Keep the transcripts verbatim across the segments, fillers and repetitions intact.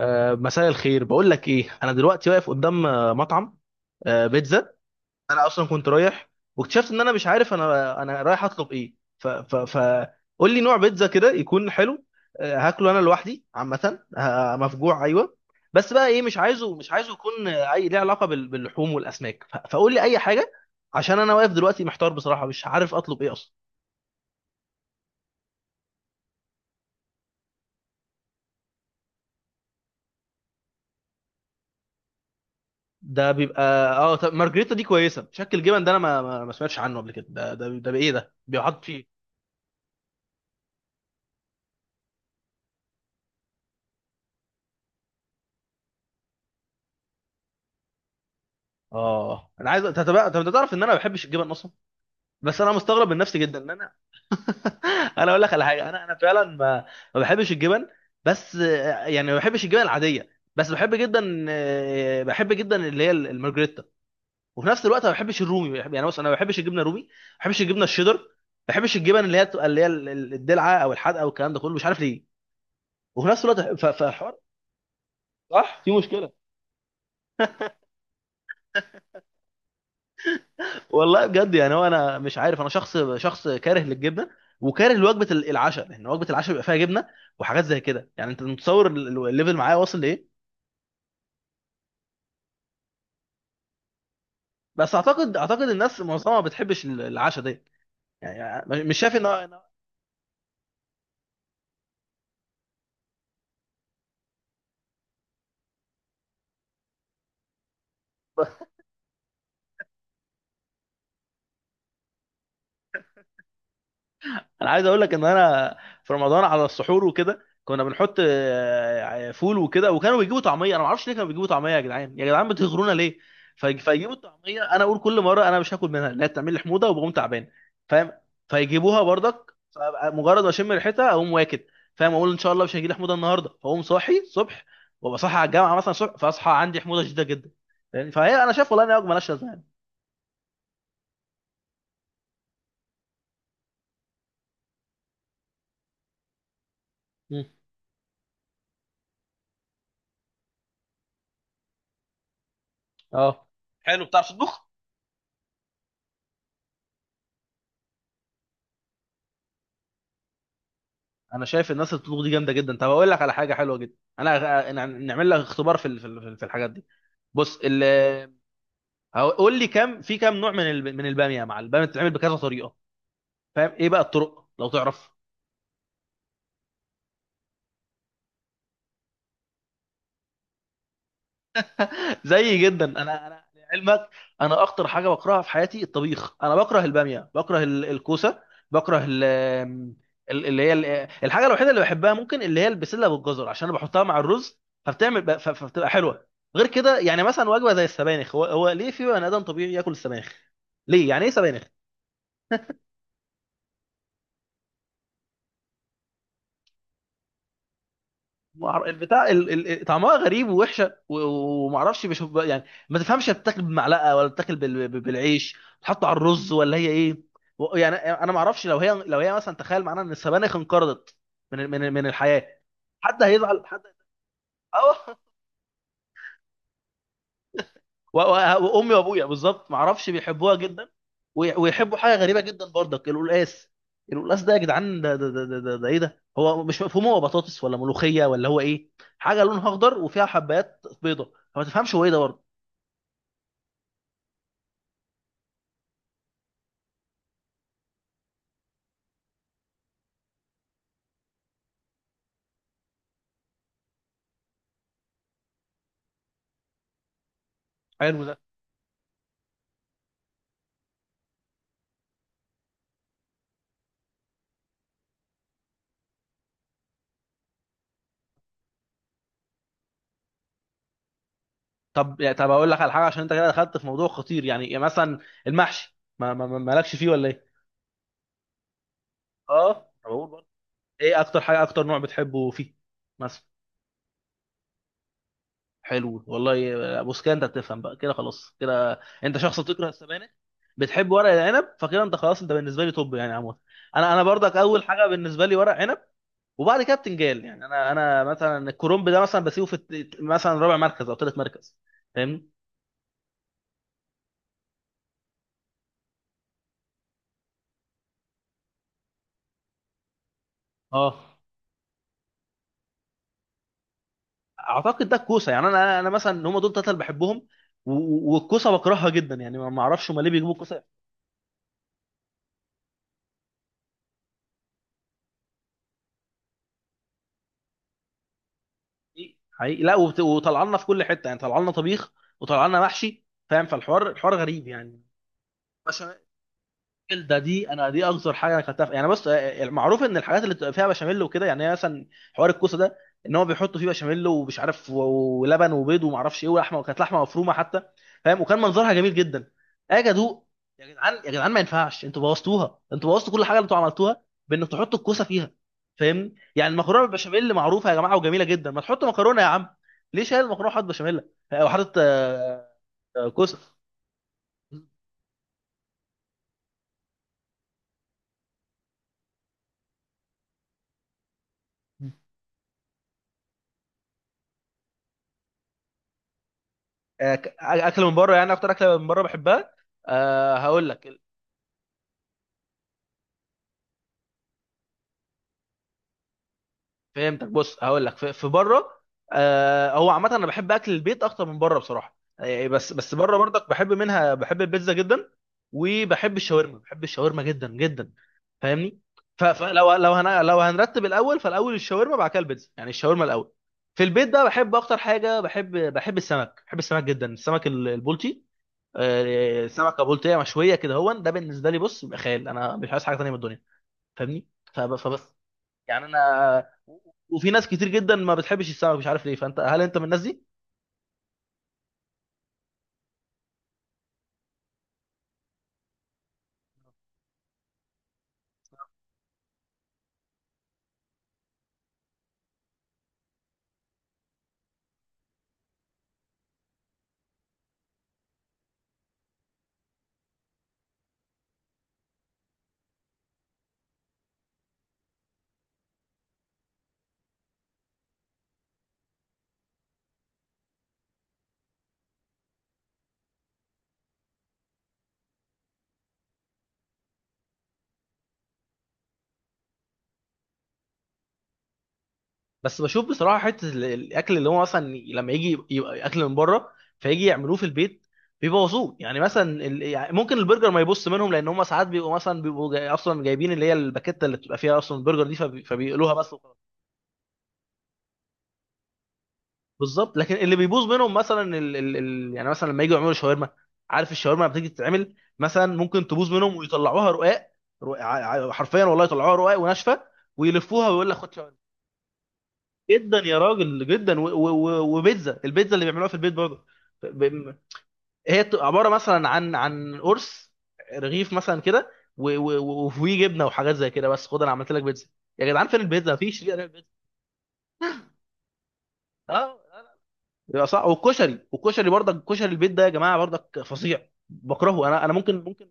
آه، مساء الخير، بقول لك ايه، انا دلوقتي واقف قدام آه، مطعم آه، بيتزا. انا اصلا كنت رايح، واكتشفت ان انا مش عارف انا انا رايح اطلب ايه. ف ف ف قول لي نوع بيتزا كده يكون حلو. آه، هاكله انا لوحدي عامه، آه، مفجوع ايوه. بس بقى ايه، مش عايزه مش عايزه يكون آه، اي ليه علاقه بال- باللحوم والاسماك. ف- فقول لي اي حاجه، عشان انا واقف دلوقتي محتار بصراحه، مش عارف اطلب ايه اصلا. ده بيبقى اه. طب مارجريتا دي كويسه. شكل الجبن ده انا ما ما ما سمعتش عنه قبل كده. ده ده, ده بايه، ده بيحط فيه؟ اه انا عايز، انت بقى- انت تعرف ان انا ما بحبش الجبن اصلا، بس انا مستغرب من نفسي جدا ان انا انا اقول لك على حاجه، انا انا فعلا ما ما بحبش الجبن. بس آه، يعني ما بحبش الجبن العاديه، بس بحب جدا، آه، بحب جدا اللي هي المارجريتا. وفي نفس الوقت ما بحبش الرومي. بحب- يعني بص، انا ما بحبش الجبنه الرومي، ما بحبش الجبنه الشيدر، ما بحبش الجبن اللي هي بتبقى اللي هي ال- ال- الدلعه او الحادقه والكلام ده كله، مش عارف ليه. وفي نفس الوقت ف- فالحوار صح، في مشكله. والله بجد، يعني هو انا مش عارف، انا شخص شخص كاره للجبنه وكاره لوجبه ال- العشاء، لان وجبه العشاء بيبقى فيها جبنه وحاجات زي كده. يعني انت متصور ال- ال- الليفل معايا واصل لايه؟ بس اعتقد اعتقد الناس معظمها ما بتحبش ال- العشاء ده، يعني مش شايف ان انا عايز اقول لك ان انا في رمضان، على السحور وكده، كنا بنحط آه، فول وكده، وكانوا بيجيبوا طعميه. انا ما اعرفش ليه كانوا بيجيبوا طعميه. يا جدعان يا جدعان، بتغرونا ليه؟ في- فيجيبوا الطعميه، انا اقول كل مره انا مش هاكل منها، لا بتعمل لي حموضه وبقوم تعبان، فاهم؟ فيجيبوها برضك، فأبقى مجرد ما اشم ريحتها اقوم واكل. فاهم؟ اقول ان شاء الله مش هيجي لي حموضه النهارده، فاقوم صاحي الصبح، وابقى صاحي على الجامعه مثلا الصبح، فاصحى عندي حموضه شديده جدا. فاهم؟ فهي انا شايف والله ان هي وجبه مالهاش لازمه يعني. مم. اه، حلو، بتعرف تطبخ. انا شايف الناس اللي بتطبخ دي جامده جدا. طب اقول لك على حاجه حلوه جدا، انا أنا- نعمل لك اختبار في ال- في ال- في الحاجات دي. بص ال- هو- قول لي كم في كم نوع من ال- من الباميه، يا معلم. الباميه بتتعمل بكذا طريقه، فاهم؟ ايه بقى الطرق لو تعرف؟ زي جدا، انا انا لعلمك انا اكتر حاجه بكرهها في حياتي الطبيخ. انا بكره الباميه، بكره ال- الكوسه، بكره ال ال- اللي هي ال- الحاجه الوحيده اللي بحبها ممكن اللي هي البسله بالجزر، عشان انا بحطها مع الرز، فبتعمل ب- ف- فبتبقى حلوه. غير كده يعني مثلا وجبه زي السبانخ، هو هو ليه في بني ادم طبيعي ياكل السبانخ؟ ليه يعني؟ ايه سبانخ؟ مع- البتاع ال- ال- ال- طعمها غريب ووحشه، و- و- ومعرفش، بشوف بقى- يعني ما تفهمش بتاكل بمعلقه ولا بتاكل بال- بال- بالعيش تحطه على الرز، ولا هي ايه؟ و- يعني انا ما اعرفش، لو هي لو هي مثلا تخيل معانا ان السبانخ انقرضت من من من الحياه، حد هيزعل؟ حد اه و- و- وامي وابويا بالظبط، ما اعرفش بيحبوها جدا. وي- ويحبوا حاجه غريبه جدا برضك، القلقاس. القلقاس ده يا جدعان ده ده ده ده, ده, ده ايه ده؟ هو مش مفهوم، هو بطاطس ولا ملوخيه ولا هو ايه؟ حاجه لونها اخضر وفيها حبات بيضه، فما تفهمش هو ايه ده برضه. حلو ده. طب يعني، طب اقول لك على حاجه، عشان انت كده دخلت في موضوع خطير يعني. يعني مثلا المحشي ما ما ما- مالكش فيه ولا ايه؟ اه، طب اقول برضه، ايه اكتر حاجه، اكتر نوع بتحبه فيه مثلا؟ حلو والله. بص كده انت بتفهم بقى، كده خلاص كده انت شخص بتكره السبانخ، بتحب ورق العنب، فكده انت خلاص انت بالنسبه لي توب، يعني عموما انا انا برضك اول حاجه بالنسبه لي ورق عنب، وبعد كده بتنجان. يعني انا انا مثلا الكرنب ده مثلا بسيبه في الت- مثلا رابع مركز او ثالث مركز، فاهمني؟ اه، اعتقد ده الكوسه. يعني انا انا مثلا هم دول ثلاثه اللي بحبهم، و- و- والكوسه بكرهها جدا، يعني ما ما اعرفش هم ليه بيجيبوا الكوسه. حقيقي حقيقي. لا وبت- وطلعنا في كل حته يعني، طلعنا طبيخ، وطلعنا محشي، فاهم؟ فالحوار الحوار غريب يعني. بشاميل. ده دي انا دي اكتر حاجه اكلتها في- يعني بص، آه، آه، المعروف ان الحاجات اللي بتبقى فيها بشاميل وكده، يعني هي مثلا حوار الكوسه ده ان هو بيحطوا فيه بشاميل ومش عارف و- ولبن وبيض، وما اعرفش ايه، ولحمه، وكانت لحمه مفرومه حتى، فاهم؟ وكان منظرها جميل جدا. اجي ادوق، يا جدعان يا جدعان، ما ينفعش، انتوا بوظتوها، انتوا بوظتوا كل حاجه اللي انتوا عملتوها بانك تحطوا الكوسه فيها، فاهمني؟ يعني المكرونه بالبشاميل معروفه يا جماعه وجميله جدا، ما تحطوا مكرونه يا عم. ليه شايل المكرونه وحاطط بشاميل، وحاطط آه، آه، كوسه؟ آه، ك- اكل من بره يعني، اكتر اكله من بره بحبها؟ أه هقول لك. فهمتك، بص هقول لك. في في بره، أه هو عامه انا بحب اكل البيت اكتر من بره بصراحه، آه، بس بس بره برضك بحب منها، بحب البيتزا جدا، وبحب الشاورما، بحب الشاورما جدا جدا، فاهمني؟ ف- فلو لو هن لو هنرتب الاول فالاول، الشاورما بعد كده البيتزا، يعني الشاورما الاول. في البيت بقى بحب اكتر حاجه، بحب بحب السمك، بحب السمك جدا، السمك ال- البلطي. آه، سمكه بلطيه مشويه كده، هو ده بالنسبه لي بص بيبقى خيال، انا مش عايز حاجه تانيه من الدنيا، فاهمني؟ فب- فبس يعني انا. وفي ناس كتير جدا ما بتحبش السمك، مش عارف ليه. فانت هل انت من الناس دي؟ بس بشوف بصراحه، حته ال- الاكل اللي هو مثلا لما يجي يبقى اكل من بره، فيجي يعملوه في البيت، بيبوظوه. يعني مثلا ال- يعني ممكن البرجر ما يبص منهم، لان هم ساعات بيبقوا مثلا بيبقوا جاي اصلا جايبين اللي هي الباكيته اللي بتبقى فيها اصلا البرجر دي، فبي- فبيقلوها بس. بالظبط. لكن اللي بيبوظ منهم مثلا ال... ال... ال... يعني مثلا لما يجوا يعملوا شاورما، عارف الشاورما لما بتيجي تتعمل، مثلا ممكن تبوظ منهم ويطلعوها رقاق، رق- ع- ع- حرفيا والله يطلعوها رقاق وناشفه ويلفوها ويقول لك خد شاورما. جدا يا راجل جدا. و... و... و... وبيتزا، البيتزا اللي بيعملوها في البيت برضه، ب... هي بتبقى عباره مثلا عن عن قرص، رغيف مثلا كده، و... و... و- وفيه جبنه وحاجات زي كده، بس خد انا عملت لك بيتزا. يا جدعان فين البيتزا، مفيش ليه بيتزا؟ اه آه. يا صح، والكشري، والكشري برضك، كشري البيت ده يا جماعه برضك فظيع، بكرهه انا. انا ممكن ممكن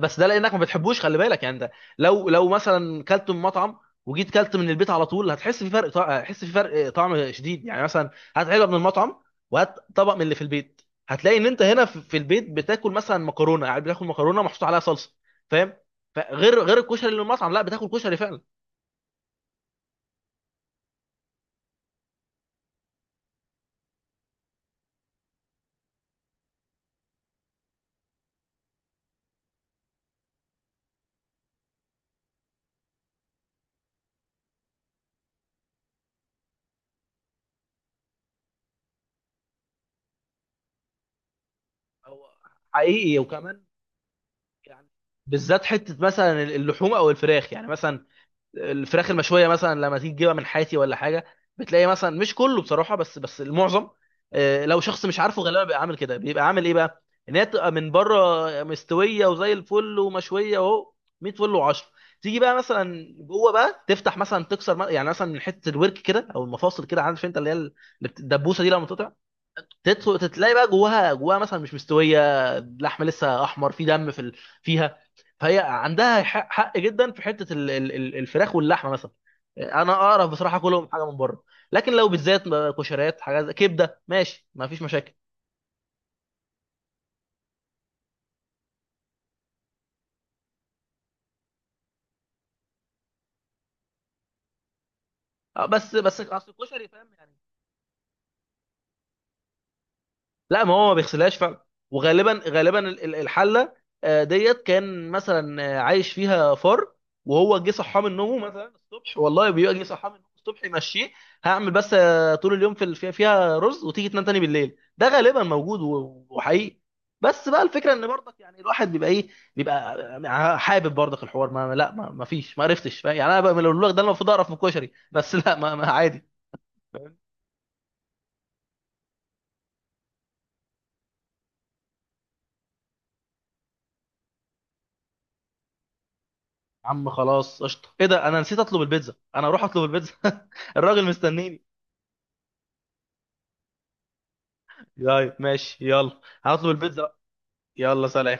بس ده لانك ما بتحبوش، خلي بالك يعني. ده لو لو مثلا كلت من مطعم، وجيت كلت من البيت على طول، هتحس في فرق طع- هتحس في فرق طعم شديد. يعني مثلا هات علبه من المطعم، وهات طبق من اللي في البيت، هتلاقي ان انت هنا في في البيت بتاكل مثلا مكرونه، يعني بتاكل مكرونه محطوط عليها صلصه، فاهم؟ فغير غير غير الكشري اللي من المطعم، لا بتاكل كشري فعلا. هو حقيقي، وكمان يعني بالذات حته مثلا اللحوم او الفراخ. يعني مثلا الفراخ المشويه مثلا لما تيجي تجيبها من حياتي ولا حاجه، بتلاقي مثلا مش كله بصراحه بس بس المعظم، آه، لو شخص مش عارفه، غالبا بيبقى عامل كده، بيبقى عامل ايه بقى؟ ان هي تبقى من بره مستويه وزي الفل ومشويه اهو ميه فل و10، تيجي بقى مثلا جوه بقى تفتح مثلا تكسر م- يعني مثلا من حته الورك كده او المفاصل كده، عارف انت اللي هي ال- اللي بت- الدبوسه دي لما تقطع، تدخل تلاقي بقى جواها، جواها مثلا مش مستويه، اللحم لسه احمر، في دم في ال... فيها. فهي عندها حق, حق جدا في حته ال... ال... ال- الفراخ واللحمه مثلا. انا اعرف بصراحه كلهم حاجه من بره، لكن لو بالذات كشريات، حاجات زي- كبده ماشي، ما فيش مشاكل. آه، بس بس اصل الكشري فاهم يعني. لا ما هو ما بيغسلهاش فعلا، وغالبا غالبا ال- ال- الحله آه، ديت كان مثلا آه، عايش فيها فار، وهو جه صحاه من نومه مثلا الصبح، والله بيبقى جه صحاه من نومه الصبح يمشيه، هعمل بس آه، طول اليوم في ال- فيها فيها رز، وتيجي تنام تاني بالليل، ده غالبا موجود و- وحقيقي. بس بقى الفكره ان برضك يعني الواحد بيبقى ايه، بيبقى ع- حابب برضك الحوار، ما لا ما, ما فيش، ما عرفتش، فاهم؟ يعني انا بقى لو لك ده انا المفروض اعرف من الكشري، بس لا ما, ما عادي. يا عم خلاص، قشطه. ايه ده انا نسيت اطلب البيتزا، انا اروح اطلب البيتزا الراجل مستنيني. طيب ماشي، يلا هطلب البيتزا. يلا سلام.